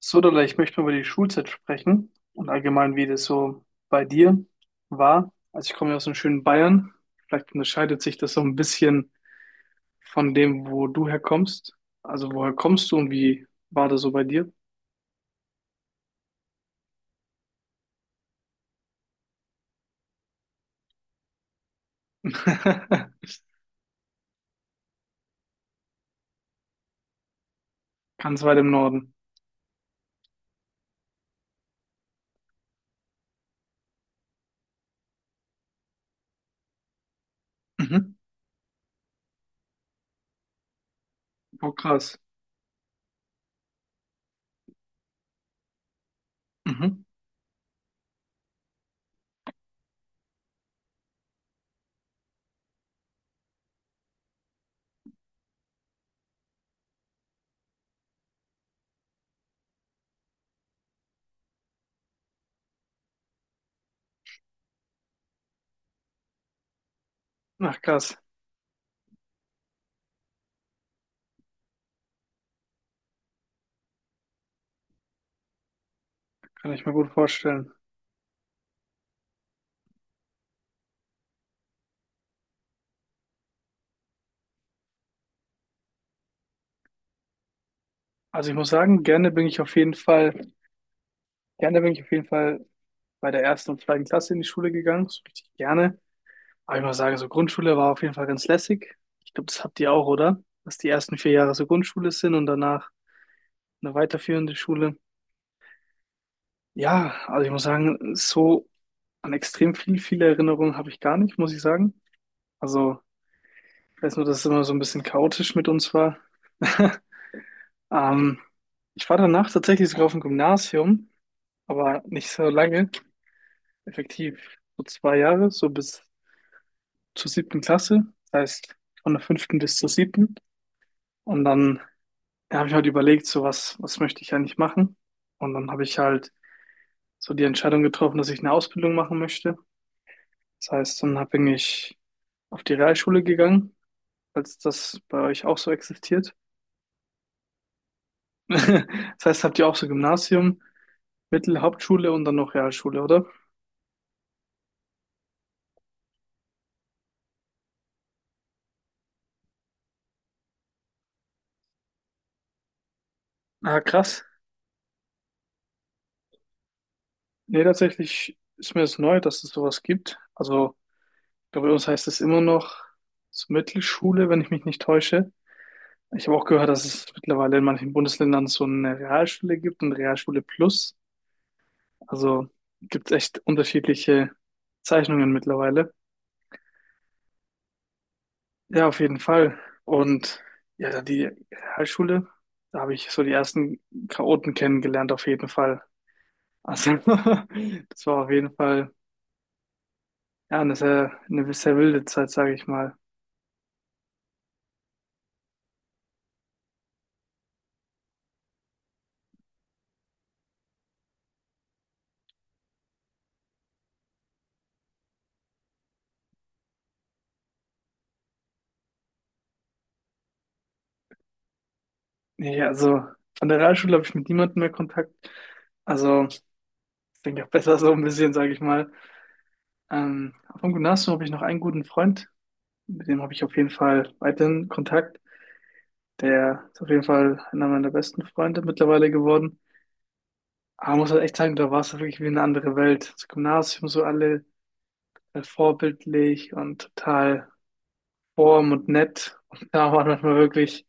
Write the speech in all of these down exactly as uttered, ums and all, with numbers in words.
Sodala, ich möchte mal über die Schulzeit sprechen und allgemein, wie das so bei dir war. Also ich komme ja aus dem schönen Bayern. Vielleicht unterscheidet sich das so ein bisschen von dem, wo du herkommst. Also woher kommst du und wie war das so bei dir? Ganz weit im Norden. Mhm. Oh, krass. Mhm. Ach, krass. Kann ich mir gut vorstellen. Also ich muss sagen, gerne bin ich auf jeden Fall, gerne bin ich auf jeden Fall bei der ersten und zweiten Klasse in die Schule gegangen. So richtig gerne. Aber ich muss sagen, so Grundschule war auf jeden Fall ganz lässig. Ich glaube, das habt ihr auch, oder? Dass die ersten vier Jahre so Grundschule sind und danach eine weiterführende Schule. Ja, also ich muss sagen, so an extrem viel, viele Erinnerungen habe ich gar nicht, muss ich sagen. Also ich weiß nur, dass es immer so ein bisschen chaotisch mit uns war. Ähm, ich war danach tatsächlich sogar auf dem Gymnasium, aber nicht so lange. Effektiv so zwei Jahre, so bis zur siebten Klasse. Das heißt von der fünften bis zur siebten. Und dann da habe ich halt überlegt, so was, was möchte ich eigentlich machen? Und dann habe ich halt so die Entscheidung getroffen, dass ich eine Ausbildung machen möchte. Das heißt, dann hab- bin ich auf die Realschule gegangen, falls das bei euch auch so existiert. Das heißt, habt ihr auch so Gymnasium, Mittel, Hauptschule und dann noch Realschule, oder? Ah, krass. Nee, tatsächlich ist mir das neu, dass es sowas gibt. Also, ich glaube, bei uns heißt es immer noch so Mittelschule, wenn ich mich nicht täusche. Ich habe auch gehört, dass es mittlerweile in manchen Bundesländern so eine Realschule gibt und Realschule Plus. Also gibt es echt unterschiedliche Zeichnungen mittlerweile. Ja, auf jeden Fall. Und ja, dann die Realschule, da habe ich so die ersten Chaoten kennengelernt, auf jeden Fall. Also das war auf jeden Fall ja, eine sehr, eine sehr wilde Zeit, sage ich mal. Nee, also an der Realschule habe ich mit niemandem mehr Kontakt. Also ich denke auch besser so ein bisschen, sage ich mal. Ähm, vom Gymnasium habe ich noch einen guten Freund, mit dem habe ich auf jeden Fall weiterhin Kontakt. Der ist auf jeden Fall einer meiner besten Freunde mittlerweile geworden. Aber man muss halt echt sagen, da war es halt wirklich wie eine andere Welt. Das Gymnasium, so alle äh, vorbildlich und total warm und nett. Und da waren manchmal wirklich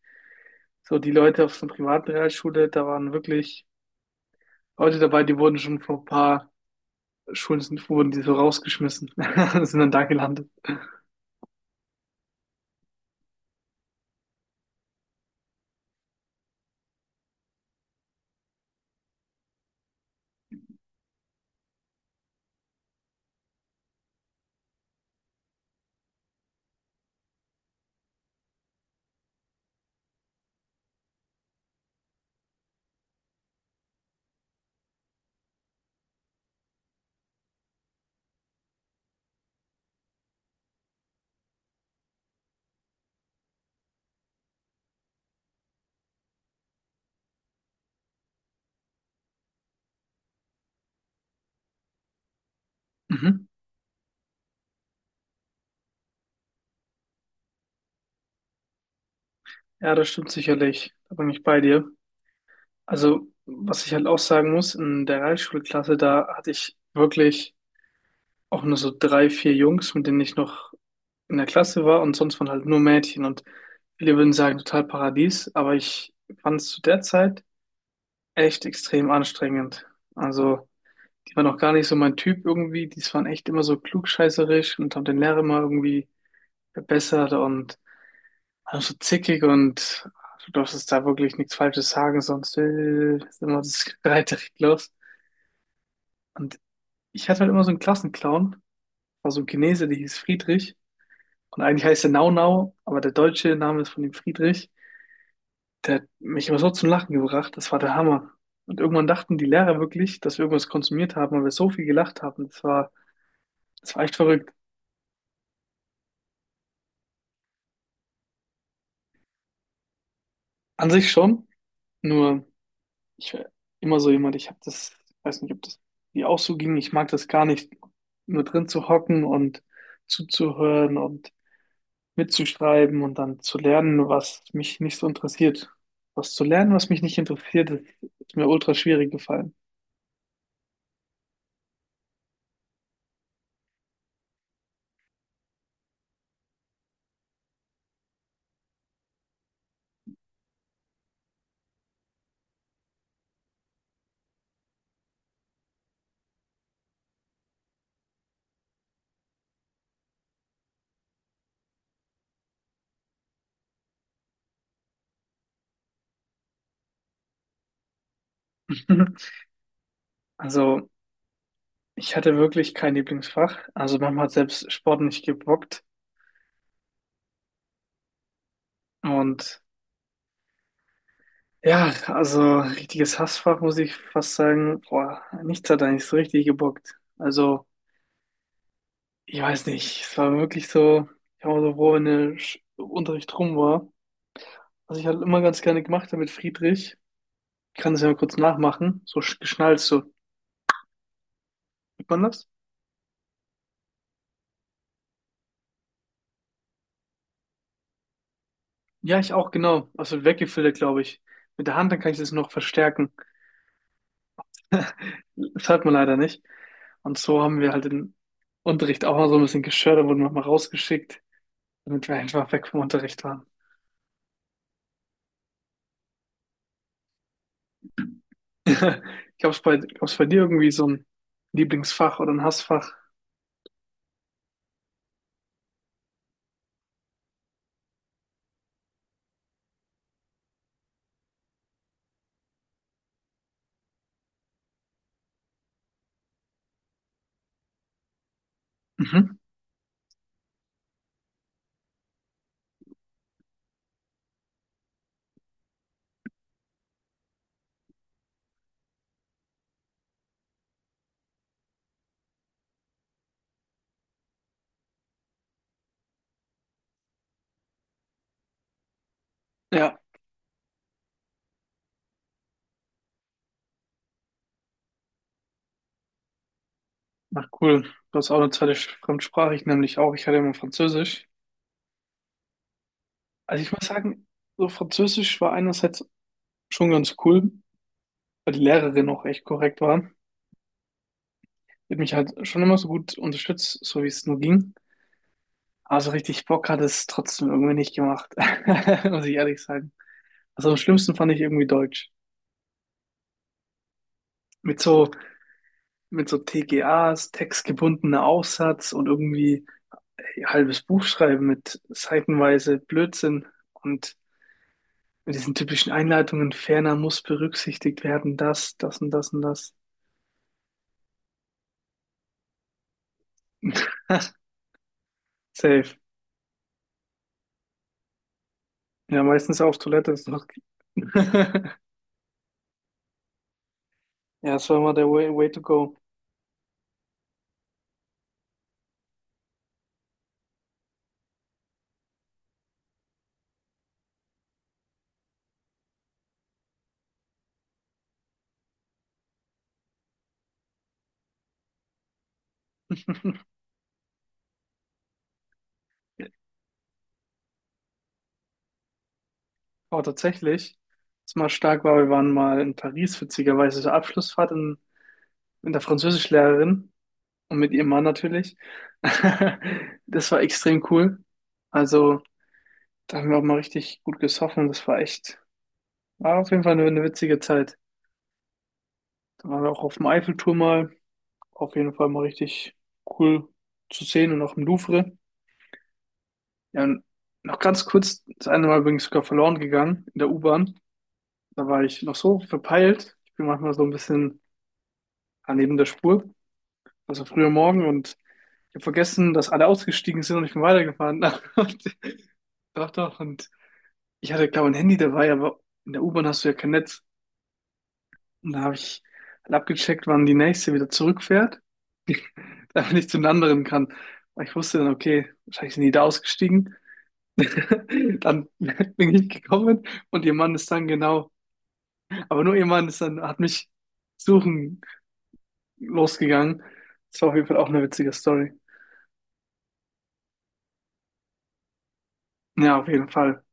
so die Leute auf so einer privaten Realschule, da waren wirklich Leute dabei, die wurden schon vor ein paar Schulen sind, wurden die so rausgeschmissen und sind dann da gelandet. Mhm. Ja, das stimmt sicherlich. Da bin ich bei dir. Also, was ich halt auch sagen muss, in der Realschulklasse, da hatte ich wirklich auch nur so drei, vier Jungs, mit denen ich noch in der Klasse war, und sonst waren halt nur Mädchen und viele würden sagen, total Paradies, aber ich fand es zu der Zeit echt extrem anstrengend. Also, die waren auch gar nicht so mein Typ irgendwie, die waren echt immer so klugscheißerisch und haben den Lehrer immer irgendwie verbessert und waren so zickig und du darfst jetzt da wirklich nichts Falsches sagen, sonst äh, ist immer das Streiterei los. Und ich hatte halt immer so einen Klassenclown, war so ein Chinese, der hieß Friedrich. Und eigentlich heißt er Nau Nau, aber der deutsche Name ist von dem Friedrich. Der hat mich immer so zum Lachen gebracht, das war der Hammer. Und irgendwann dachten die Lehrer wirklich, dass wir irgendwas konsumiert haben, weil wir so viel gelacht haben. Das war, das war echt verrückt. An sich schon, nur ich war immer so jemand, ich habe das, weiß nicht, ob das dir auch so ging, ich mag das gar nicht, nur drin zu hocken und zuzuhören und mitzuschreiben und dann zu lernen, was mich nicht so interessiert. Was zu lernen, was mich nicht interessiert, ist, ist mir ultra schwierig gefallen. Also, ich hatte wirklich kein Lieblingsfach. Also, manchmal hat selbst Sport nicht gebockt. Und ja, also richtiges Hassfach, muss ich fast sagen. Boah, nichts hat eigentlich so richtig gebockt. Also, ich weiß nicht. Es war wirklich so, ich war so froh, wenn der Sch- Unterricht rum war. Was ich halt immer ganz gerne gemacht habe mit Friedrich. Ich kann das ja mal kurz nachmachen. So sch- geschnallt, so. Sieht man das? Ja, ich auch, genau. Also weggefiltert, glaube ich. Mit der Hand, dann kann ich das noch verstärken. Das hat man leider nicht. Und so haben wir halt den Unterricht auch mal so ein bisschen gestört, da wurden wir mal rausgeschickt, damit wir einfach weg vom Unterricht waren. Gab's bei, gab's bei dir irgendwie so ein Lieblingsfach oder ein Hassfach? Mhm. Ja, na cool. Du hast auch eine zweite Sch- Fremdsprache, ich nämlich auch. Ich hatte immer Französisch. Also ich muss sagen, so Französisch war einerseits schon ganz cool, weil die Lehrerin auch echt korrekt war. Die hat mich halt schon immer so gut unterstützt, so wie es nur ging. Aber so richtig Bock hat es trotzdem irgendwie nicht gemacht, muss ich ehrlich sagen. Also am schlimmsten fand ich irgendwie Deutsch. Mit so, mit so T G As, textgebundener Aufsatz und irgendwie ein halbes Buch schreiben mit seitenweise Blödsinn und mit diesen typischen Einleitungen, ferner muss berücksichtigt werden, das, das und das und das. Safe. Ja, meistens auf Toilette ist noch. Ja, das war immer der way, way to go. Oh, tatsächlich. Was mal stark war, wir waren mal in Paris, witzigerweise zur Abschlussfahrt in, mit der Französischlehrerin und mit ihrem Mann natürlich. Das war extrem cool. Also, da haben wir auch mal richtig gut gesoffen. Das war echt, war auf jeden Fall eine, eine witzige Zeit. Da waren wir auch auf dem Eiffelturm mal. Auf jeden Fall mal richtig cool zu sehen und auch im Louvre. Ja, und noch ganz kurz, das eine Mal übrigens sogar verloren gegangen in der U-Bahn. Da war ich noch so verpeilt. Ich bin manchmal so ein bisschen war neben der Spur. Also früher Morgen und ich habe vergessen, dass alle ausgestiegen sind und ich bin weitergefahren. Und, doch, doch. Und ich hatte, glaube ich, ein Handy dabei, aber in der U-Bahn hast du ja kein Netz. Und da habe ich halt abgecheckt, wann die nächste wieder zurückfährt, damit ich zu den anderen kann. Aber ich wusste dann, okay, wahrscheinlich sind die da ausgestiegen. Dann bin ich gekommen und ihr Mann ist dann genau, aber nur ihr Mann ist dann, hat mich suchen losgegangen. Das war auf jeden Fall auch eine witzige Story. Ja, auf jeden Fall.